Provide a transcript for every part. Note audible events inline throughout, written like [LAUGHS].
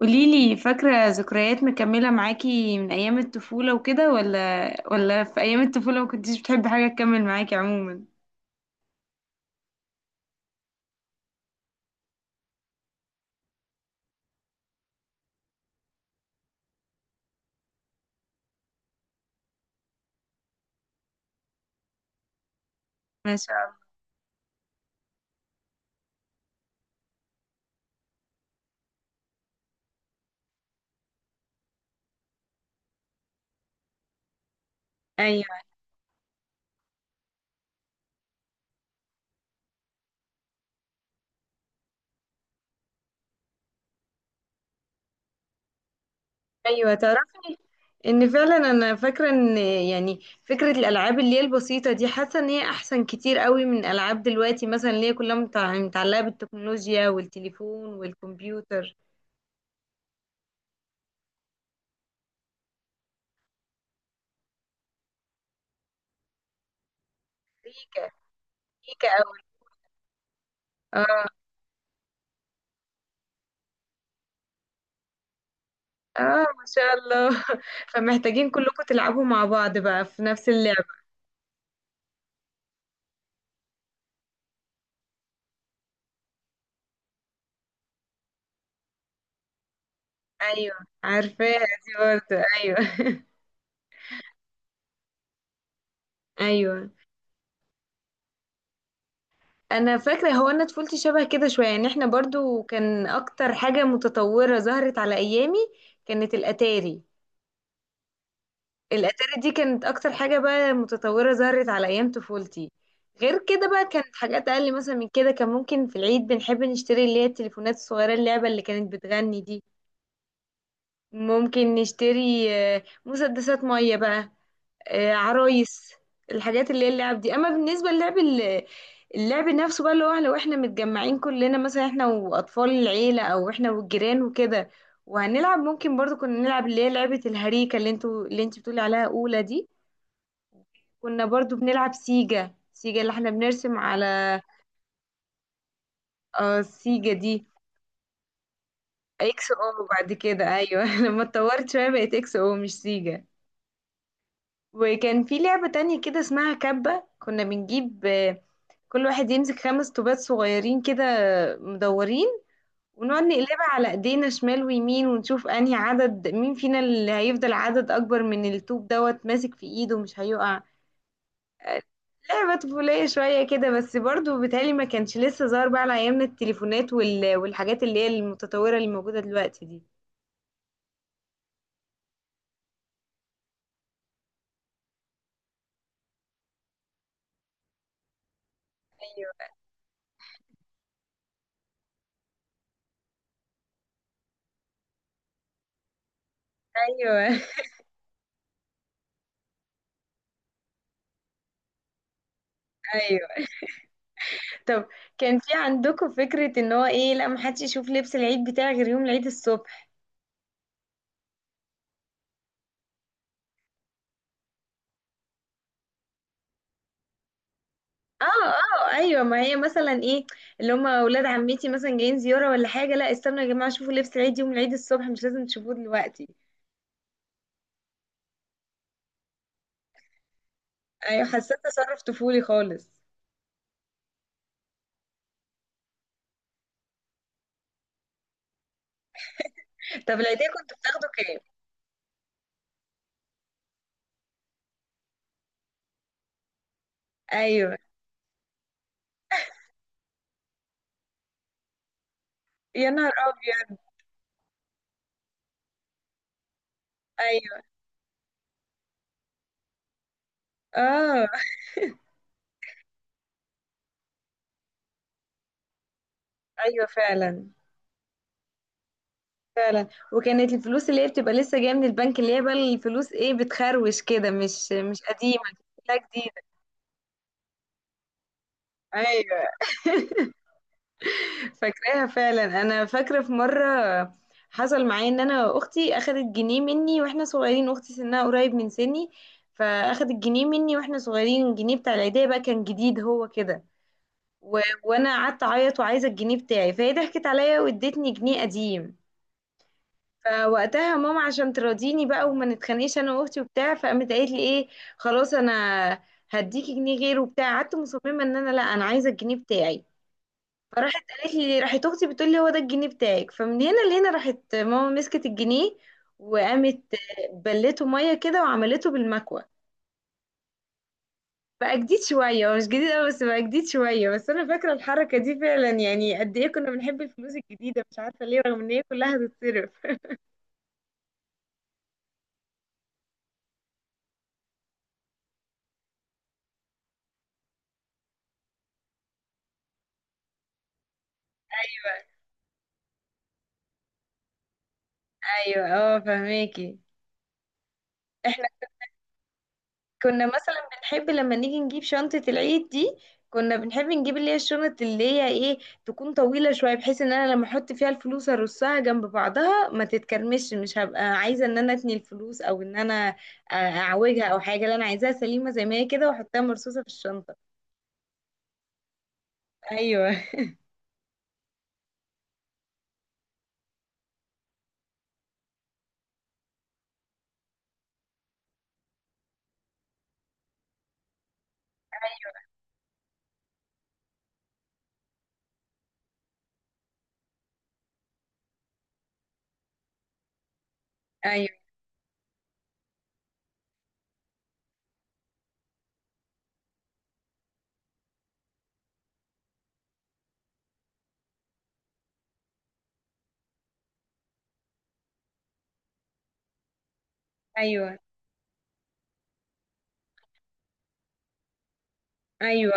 قوليلي، فاكرة ذكريات مكملة معاكي من أيام الطفولة وكده، ولا في أيام الطفولة ما كنتيش بتحبي حاجة تكمل معاكي عموما؟ ما شاء الله. أيوة، أيوة، تعرفي إن فعلا أنا فاكرة إن يعني فكرة الألعاب اللي هي البسيطة دي، حاسة إن هي أحسن كتير قوي من ألعاب دلوقتي مثلا اللي هي كلها متعلقة بالتكنولوجيا والتليفون والكمبيوتر. ريكا. ريكا أوي. اه، اه، ما شاء الله [LAUGHS] فمحتاجين كلكم تلعبوا مع بعض بقى في نفس اللعب. ايوه، عارفاها دي برضه، ايوه [LAUGHS] ايوه، انا فاكره، هو انا طفولتي شبه كده شويه، يعني احنا برضو كان اكتر حاجه متطوره ظهرت على ايامي كانت الاتاري. الاتاري دي كانت اكتر حاجه بقى متطوره ظهرت على ايام طفولتي، غير كده بقى كانت حاجات اقل مثلا من كده، كان ممكن في العيد بنحب نشتري اللي هي التليفونات الصغيره اللعبه اللي كانت بتغني دي، ممكن نشتري مسدسات ميه بقى، عرايس الحاجات اللي هي اللعب دي. اما بالنسبه للعب اللعب نفسه بقى، اللي هو لو احنا متجمعين كلنا، مثلا احنا واطفال العيله او احنا والجيران وكده، وهنلعب ممكن برضو كنا نلعب اللي هي لعبه الهريكه اللي انتوا، اللي انت بتقولي عليها اولى دي. كنا برضو بنلعب سيجا، سيجا اللي احنا بنرسم على، اه سيجا دي اكس او بعد كده، ايوه [LAUGHS] لما اتطورت شويه بقت اكس او مش سيجا. وكان في لعبة تانية كده اسمها كبة، كنا بنجيب كل واحد يمسك خمس طوبات صغيرين كده مدورين، ونقعد نقلبها على ايدينا شمال ويمين، ونشوف انهي عدد مين فينا اللي هيفضل عدد اكبر من الطوب دوت ماسك في ايده مش هيقع. آه، لعبة طفولية شوية كده، بس برضو بالتالي ما كانش لسه ظهر بقى على ايامنا التليفونات والحاجات اللي هي المتطورة اللي موجودة دلوقتي دي. ايوه، ايوه [LAUGHS] طب كان في عندكم فكرة ان هو ايه؟ لا محدش يشوف لبس العيد بتاعي غير يوم العيد الصبح. اه، اه، ايوه، ما هي مثلا ايه؟ اللي هم اولاد عمتي مثلا جايين زيارة ولا حاجة، لا استنوا يا جماعة شوفوا لبس العيد يوم العيد الصبح، مش لازم تشوفوه دلوقتي. ايوه، حسيت تصرف طفولي خالص. طب العيدية كنت بتاخده كام؟ ايوه، يا نهار ابيض. ايوه، اه، ايوه، فعلا فعلا، وكانت الفلوس اللي هي بتبقى لسه جايه من البنك، اللي هي بقى الفلوس ايه، بتخروش كده، مش قديمه، لا جديده، ايوه. فاكراها فعلا، انا فاكره في مره حصل معايا ان انا اختي اخدت جنيه مني واحنا صغيرين، اختي سنها قريب من سني، فاخدت جنيه مني واحنا صغيرين، الجنيه بتاع العيديه بقى كان جديد هو كده، وانا قعدت اعيط وعايزه الجنيه بتاعي، فهي ضحكت عليا وادتني جنيه قديم. فوقتها ماما عشان تراضيني بقى وما نتخانقش انا واختي وبتاع، فقامت قالت لي ايه، خلاص انا هديكي جنيه غيره وبتاع، قعدت مصممه ان انا لا انا عايزه الجنيه بتاعي، فراحت قالت لي، راحت اختي بتقول لي هو ده الجنيه بتاعك، فمن هنا لهنا راحت ماما مسكت الجنيه وقامت بلته ميه كده وعملته بالمكوه، بقى جديد شويه، هو مش جديد قوي بس بقى جديد شويه، بس انا فاكره الحركه دي فعلا، يعني قد ايه كنا بنحب الفلوس الجديده مش عارفه ليه رغم ان هي كلها هتتصرف. ايوه، اه، فهماكي [LAUGHS] كنا مثلا بنحب لما نيجي نجيب شنطة العيد دي، كنا بنحب نجيب اللي هي الشنط اللي هي ايه، تكون طويلة شوية، بحيث ان انا لما احط فيها الفلوس ارصها جنب بعضها ما تتكرمش، مش هبقى عايزة ان انا اتني الفلوس، او ان انا اعوجها او حاجة، لا انا عايزاها سليمة زي ما هي كده واحطها مرصوصة في الشنطة. ايوه، ايوه، ايوه، ايوه.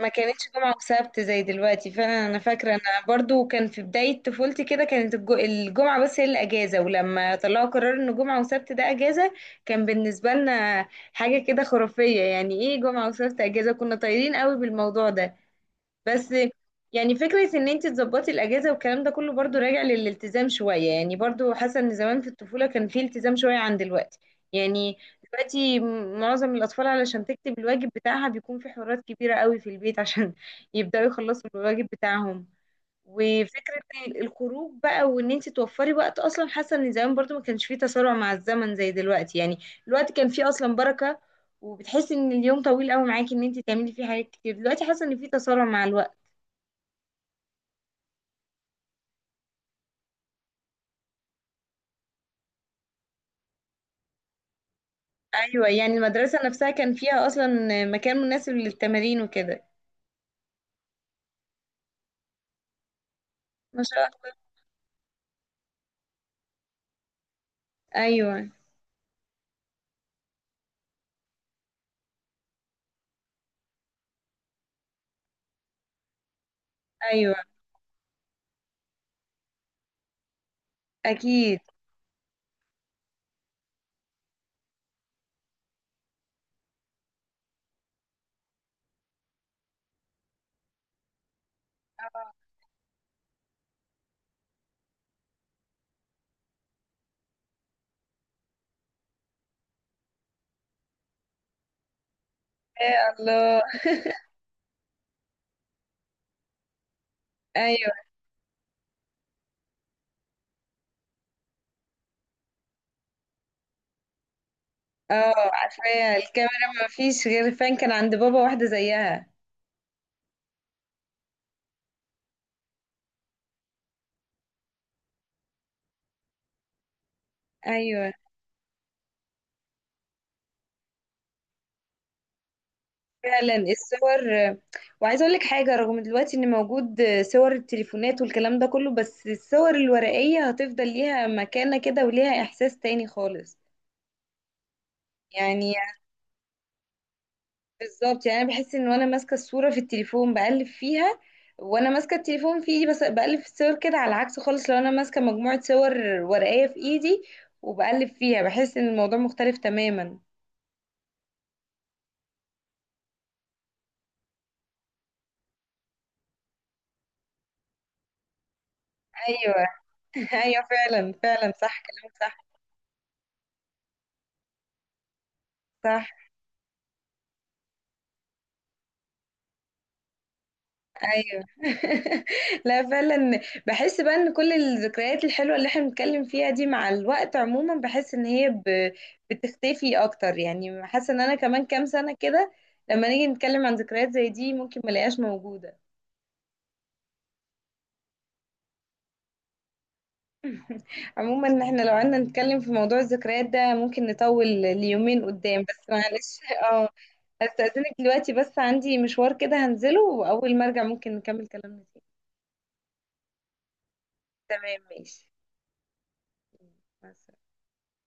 ما كانتش جمعة وسبت زي دلوقتي فعلا، انا فاكرة انا برضو كان في بداية طفولتي كده كانت الجمعة بس هي الاجازة، ولما طلعوا قرار ان جمعة وسبت ده اجازة كان بالنسبة لنا حاجة كده خرافية، يعني ايه جمعة وسبت اجازة، كنا طايرين قوي بالموضوع ده. بس يعني فكرة ان انت تظبطي الاجازة والكلام ده كله برضو راجع للالتزام شوية، يعني برضو حاسة ان زمان في الطفولة كان في التزام شوية عن دلوقتي، يعني دلوقتي معظم الاطفال علشان تكتب الواجب بتاعها بيكون في حوارات كبيرة قوي في البيت [LAUGHS] عشان يبدأوا يخلصوا الواجب بتاعهم، وفكرة الخروج بقى، وان انت توفري وقت اصلا حاسة ان زمان برضو ما كانش فيه تسارع مع الزمن زي دلوقتي، يعني الوقت كان فيه اصلا بركة، وبتحسي ان اليوم طويل قوي معاكي ان انت تعملي فيه حاجات كتير، دلوقتي حاسة ان فيه تسارع مع الوقت. ايوه، يعني المدرسة نفسها كان فيها اصلا مكان مناسب للتمارين وكده. ما شاء الله، ايوه، ايوه، اكيد. يا الله. ايوه، اه، عارفاها الكاميرا، ما فيش غير فان كان عند بابا واحدة زيها. ايوه فعلا الصور، وعايزه اقول لك حاجه، رغم دلوقتي ان موجود صور التليفونات والكلام ده كله، بس الصور الورقيه هتفضل ليها مكانه كده وليها احساس تاني خالص يعني. بالظبط، يعني انا بحس ان وانا ماسكه الصوره في التليفون بقلب فيها، وانا ماسكه التليفون في ايدي بس بقلب في الصور كده، على العكس خالص لو انا ماسكه مجموعه صور ورقيه في ايدي وبقلب فيها بحس ان الموضوع مختلف تماما. ايوه [LAUGHS] ايوه فعلا فعلا، صح كلامك، صح صح، ايوه [LAUGHS] لا فعلا. بحس بقى ان كل الذكريات الحلوه اللي احنا بنتكلم فيها دي مع الوقت عموما، بحس ان هي بتختفي اكتر، يعني حاسه ان انا كمان كام سنه كده لما نيجي نتكلم عن ذكريات زي دي ممكن ملاقيهاش موجوده. عموما احنا لو قعدنا نتكلم في موضوع الذكريات ده ممكن نطول ليومين قدام، بس معلش اه، هستأذنك دلوقتي بس عندي مشوار كده هنزله، واول ما ارجع ممكن نكمل كلامنا فيه. تمام، ماشي، مع السلامة.